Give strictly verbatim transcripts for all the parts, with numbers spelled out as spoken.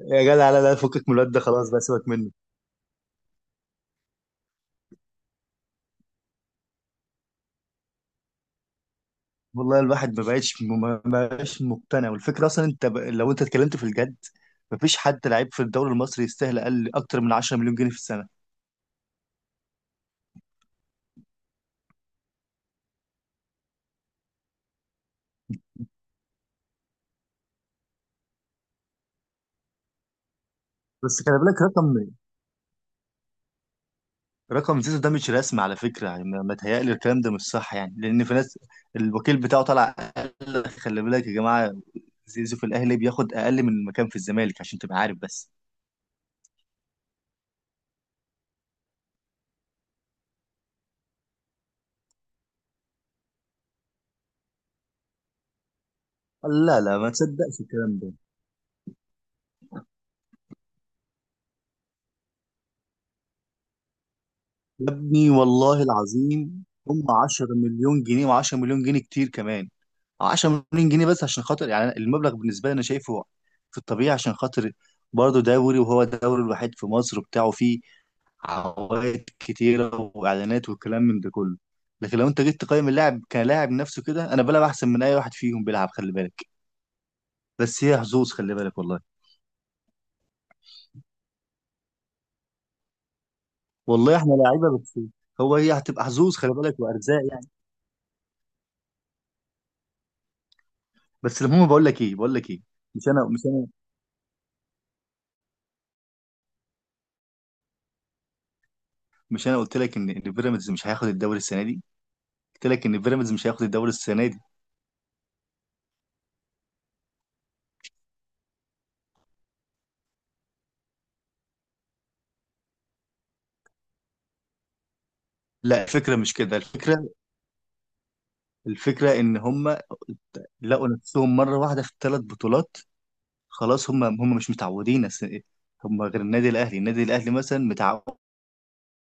يا جدع، لا لا، فكك من الواد ده، خلاص بقى سيبك منه. والله الواحد ما بقتش ما بقاش مقتنع، والفكره اصلا انت ب... لو انت اتكلمت في الجد، مفيش حد لعيب في الدوري المصري يستاهل اقل اكتر من عشرة مليون جنيه مليون جنيه في السنه. بس خلي بالك، رقم رقم زيزو ده مش رسمي على فكره، يعني ما ما تهيألي الكلام ده مش صح، يعني لان في ناس الوكيل بتاعه طلع قال لك خلي بالك يا جماعه، زيزو في الاهلي بياخد اقل من المكان في الزمالك عشان تبقى عارف بس. لا لا، ما تصدقش الكلام ده. يا ابني والله العظيم، هم عشرة مليون جنيه مليون جنيه، وعشرة مليون جنيه كتير كمان. عشرة مليون جنيه مليون جنيه بس عشان خاطر، يعني أنا- المبلغ بالنسبه لي انا شايفه في الطبيعي، عشان خاطر برضه دوري، وهو الدوري الوحيد في مصر وبتاعه، فيه عوائد كتيره واعلانات والكلام من ده كله. لكن لو انت جيت تقيم اللاعب كلاعب نفسه كده، انا بلعب احسن من اي واحد فيهم بيلعب، خلي بالك. بس هي حظوظ، خلي بالك والله. والله احنا لعيبه، بس هو هي هتبقى حظوظ خلي بالك وارزاق يعني. بس المهم، بقول لك ايه بقول لك ايه، مش انا مش انا مش انا قلت لك ان ان بيراميدز مش هياخد الدوري السنه دي. قلت لك ان بيراميدز مش هياخد الدوري السنه دي. لا، الفكره مش كده. الفكره الفكره ان هم لقوا نفسهم مره واحده في ثلاث بطولات. خلاص، هم هم مش متعودين أس- هم غير النادي الاهلي، النادي الاهلي مثلا متعود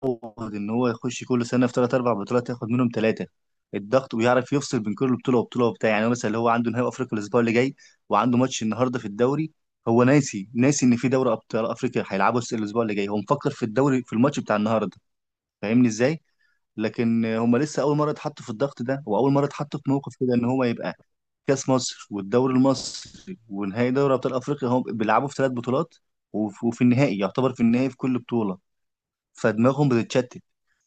يعود ان هو يخش كل سنه في ثلاث اربع بطولات، ياخد منهم ثلاثه، الضغط، ويعرف يفصل بين كل بطوله وبطوله وبتاع. يعني هو مثلا اللي هو عنده نهائي افريقيا الاسبوع اللي جاي، وعنده ماتش النهارده في الدوري، هو ناسي ناسي ان في دوري ابطال افريقيا هيلعبه الاسبوع اللي جاي، هو مفكر في الدوري في الماتش بتاع النهارده. فاهمني ازاي؟ لكن هم لسه اول مره اتحطوا في الضغط ده، واول مره اتحطوا في موقف كده ان هو يبقى كاس مصر والدوري المصري ونهائي دوري ابطال افريقيا، هم بيلعبوا في ثلاث بطولات، وف- وفي النهائي، يعتبر في النهائي في كل بطوله، فدماغهم بتتشتت.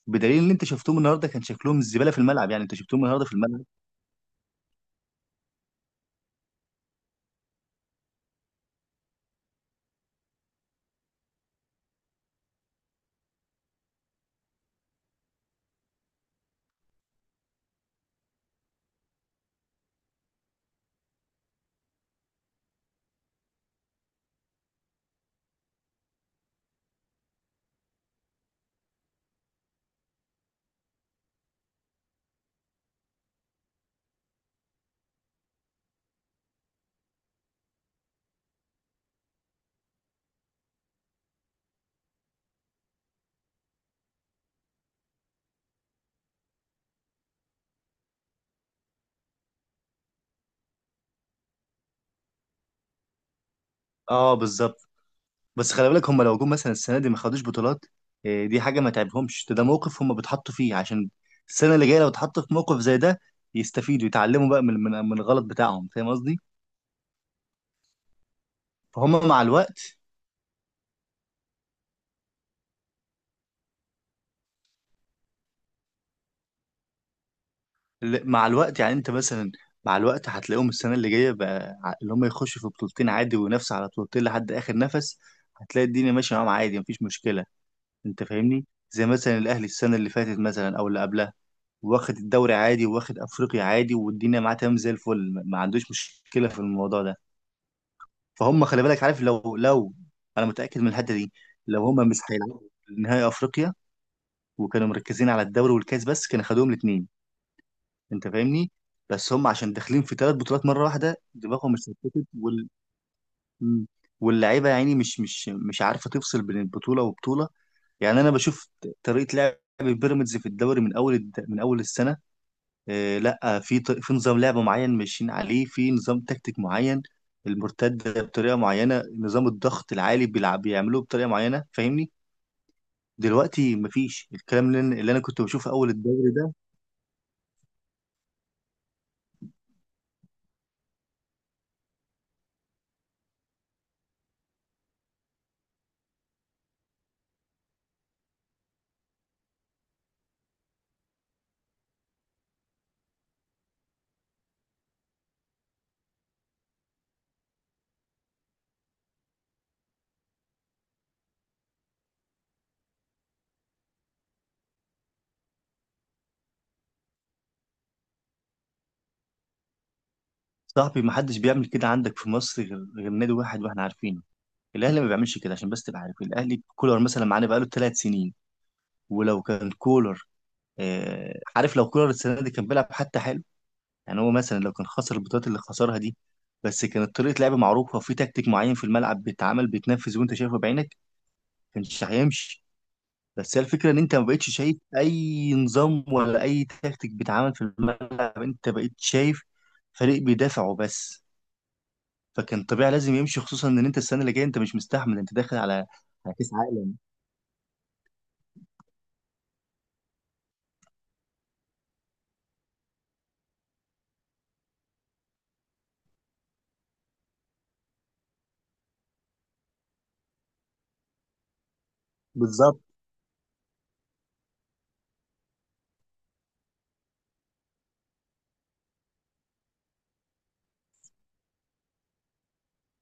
بدليل ان انت شفتهم النهارده كان شكلهم الزباله في الملعب، يعني انت شفتهم النهارده في الملعب. اه بالظبط. بس خلي بالك، هم لو جم مثلا السنه دي ما خدوش بطولات، آه، دي حاجه ما تعبهمش، ده ده موقف هم بيتحطوا فيه، عشان السنه اللي جايه لو اتحطوا في موقف زي ده، يستفيدوا يتعلموا بقى من من من الغلط بتاعهم. فاهم قصدي؟ فهم مع الوقت، ل- مع الوقت يعني انت مثلا، مع الوقت هتلاقيهم السنه اللي جايه بقى، ع- اللي هم يخشوا في بطولتين عادي وينافسوا على بطولتين لحد اخر نفس، هتلاقي الدنيا ماشيه معاهم عادي، مفيش مشكله. انت فاهمني؟ زي مثلا الاهلي السنه اللي فاتت مثلا او اللي قبلها، واخد الدوري عادي، واخد افريقيا عادي، والدنيا معاه تمام زي الفل، ما ما عندوش مشكله في الموضوع ده. فهم خلي بالك عارف، لو لو انا متاكد من الحته دي، لو هم مش هيلعبوا نهائي افريقيا وكانوا مركزين على الدوري والكاس بس، كان خدوهم الاثنين. انت فاهمني؟ بس هم عشان داخلين في ثلاث بطولات مره واحده، دماغهم مش ثبتت وال... م. واللعيبه يعني مش مش مش عارفه تفصل بين البطوله وبطوله. يعني انا بشوف طريقه لعب بيراميدز في الدوري من اول الد... من اول السنه، آه لا في ط... في نظام لعب معين ماشيين عليه، في نظام تكتيك معين، المرتده بطريقه معينه، نظام الضغط العالي بيلعب بيعملوه بطريقه معينه. فاهمني؟ دلوقتي مفيش الكلام اللي انا اللي أنا كنت بشوفه اول الدوري ده. صاحبي، محدش بيعمل كده عندك في مصر غير غير نادي واحد واحنا عارفينه، الاهلي ما بيعملش كده. عشان بس تبقى عارف، الاهلي كولر مثلا معانا بقاله ثلاث سنين، ولو كان كولر، آه، عارف، لو كولر السنه دي كان بيلعب حتى، يعني هو مثلا لو كان خسر البطولات اللي خسرها دي، بس كانت طريقة لعب معروفة، وفي تكتيك معين في الملعب بيتعمل بيتنفذ وانت شايفه بعينك، كانش هيمشي. بس هي الفكرة ان انت ما بقتش شايف اي نظام، ولا اي تكتيك بيتعمل في الملعب، انت بقيت شايف فريق بيدافع وبس. فكان طبيعي لازم يمشي، خصوصا ان انت السنة اللي جاية انت مش مستحمل، انت داخل على على كأس عالم. بالظبط.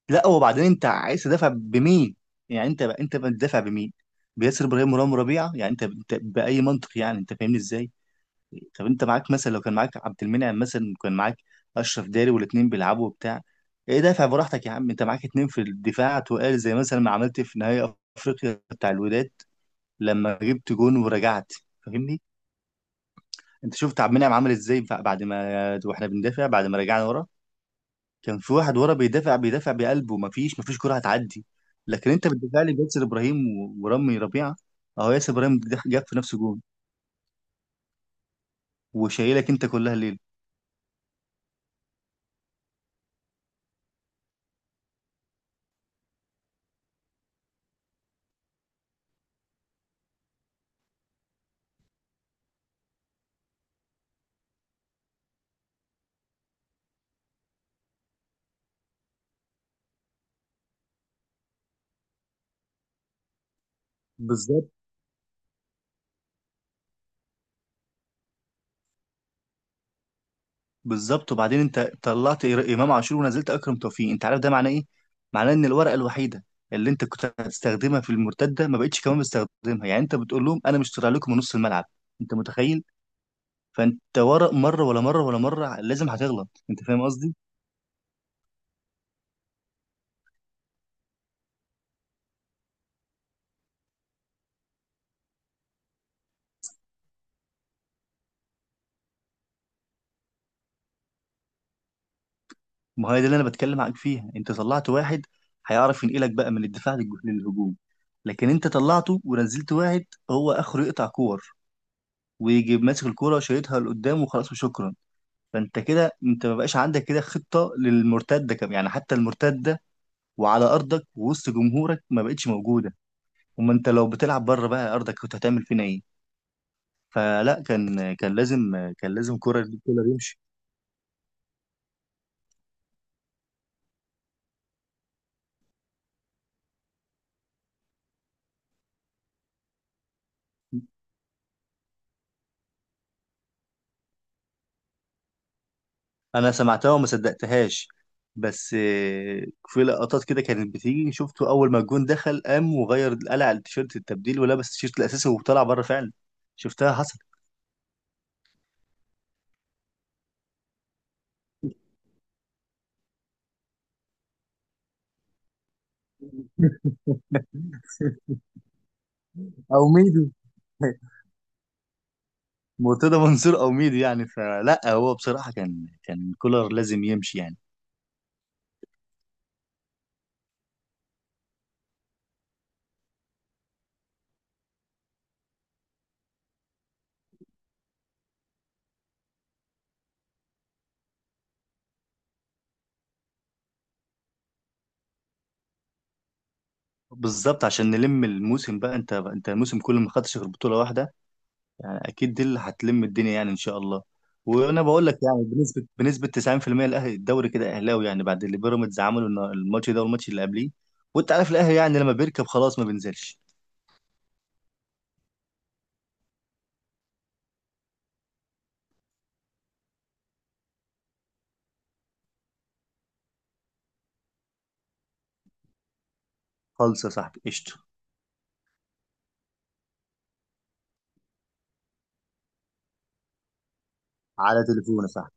لا، وبعدين انت عايز تدافع بمين؟ يعني انت بقى انت بتدافع بمين؟ بياسر ابراهيم ورام ربيعة. يعني انت انت بأي منطق، يعني انت فاهمني ازاي؟ طب انت معاك مثلا، لو كان معاك عبد المنعم مثلا، وكان معاك اشرف داري والاتنين بيلعبوا وبتاع، ايه، دافع براحتك يا عم. انت معاك اتنين في الدفاع تقال، زي مثلا ما عملت في نهائي افريقيا بتاع الوداد لما جبت جون ورجعت. فاهمني؟ انت شفت عبد المنعم عمل ازاي بعد ما واحنا بندافع، بعد ما رجعنا ورا، كان في واحد ورا بيدافع بيدافع بقلبه، مفيش مفيش كرة هتعدي. لكن انت بتدافع لي بياسر ابراهيم و- ورامي ربيعه، اهو ياسر ابراهيم جاب في نفسه جون، وشايلك انت كلها الليل. بالظبط. بالظبط. وبعدين انت طلعت إر- امام عاشور ونزلت اكرم توفيق، انت عارف ده معناه ايه؟ معناه ان الورقه الوحيده اللي انت كنت هتستخدمها في المرتده ما بقتش كمان بتستخدمها، يعني انت بتقول لهم انا مش طالع لكم من نص الملعب. انت متخيل؟ فانت ورق، مره ولا مره ولا مره لازم هتغلط. انت فاهم قصدي؟ ما هي دي اللي انا بتكلم معاك فيها، انت طلعت واحد هيعرف ينقلك بقى من الدفاع للج- للهجوم، لكن انت طلعته ونزلت واحد هو اخره يقطع كور، ويجي ماسك الكوره وشايطها لقدام وخلاص وشكرا. فانت كده انت ما بقاش عندك كده خطه للمرتده كم يعني، حتى المرتده وعلى ارضك ووسط جمهورك ما بقتش موجوده، اما انت لو بتلعب بره بقى ارضك كنت هتعمل فينا ايه؟ فلا كان كان لازم كان لازم كولر كولر يمشي. انا سمعتها وما صدقتهاش. بس آه، في لقطات كده كانت بتيجي شفته، اول ما الجون دخل قام وغير، قلع التيشيرت التبديل ولبس التيشيرت الاساسي وطلع بره فعلا، شفتها حصل. او ميدو، مرتضى منصور او ميدو يعني. فلا هو بصراحه كان كان كولر لازم يمشي يعني. بالظبط، عشان نلم الموسم بقى. انت انت الموسم كله ما خدتش غير بطوله واحده يعني، اكيد دي اللي هتلم الدنيا يعني ان شاء الله. وانا بقول لك يعني بنسبه بنسبه تسعين في المئة الاهلي الدوري كده اهلاوي يعني، بعد اللي بيراميدز عمله النا- الماتش ده والماتش اللي قبليه، وانت عارف الاهلي يعني لما بيركب خلاص ما بينزلش. خالص يا صاحبي قشطه. على تليفونه صح.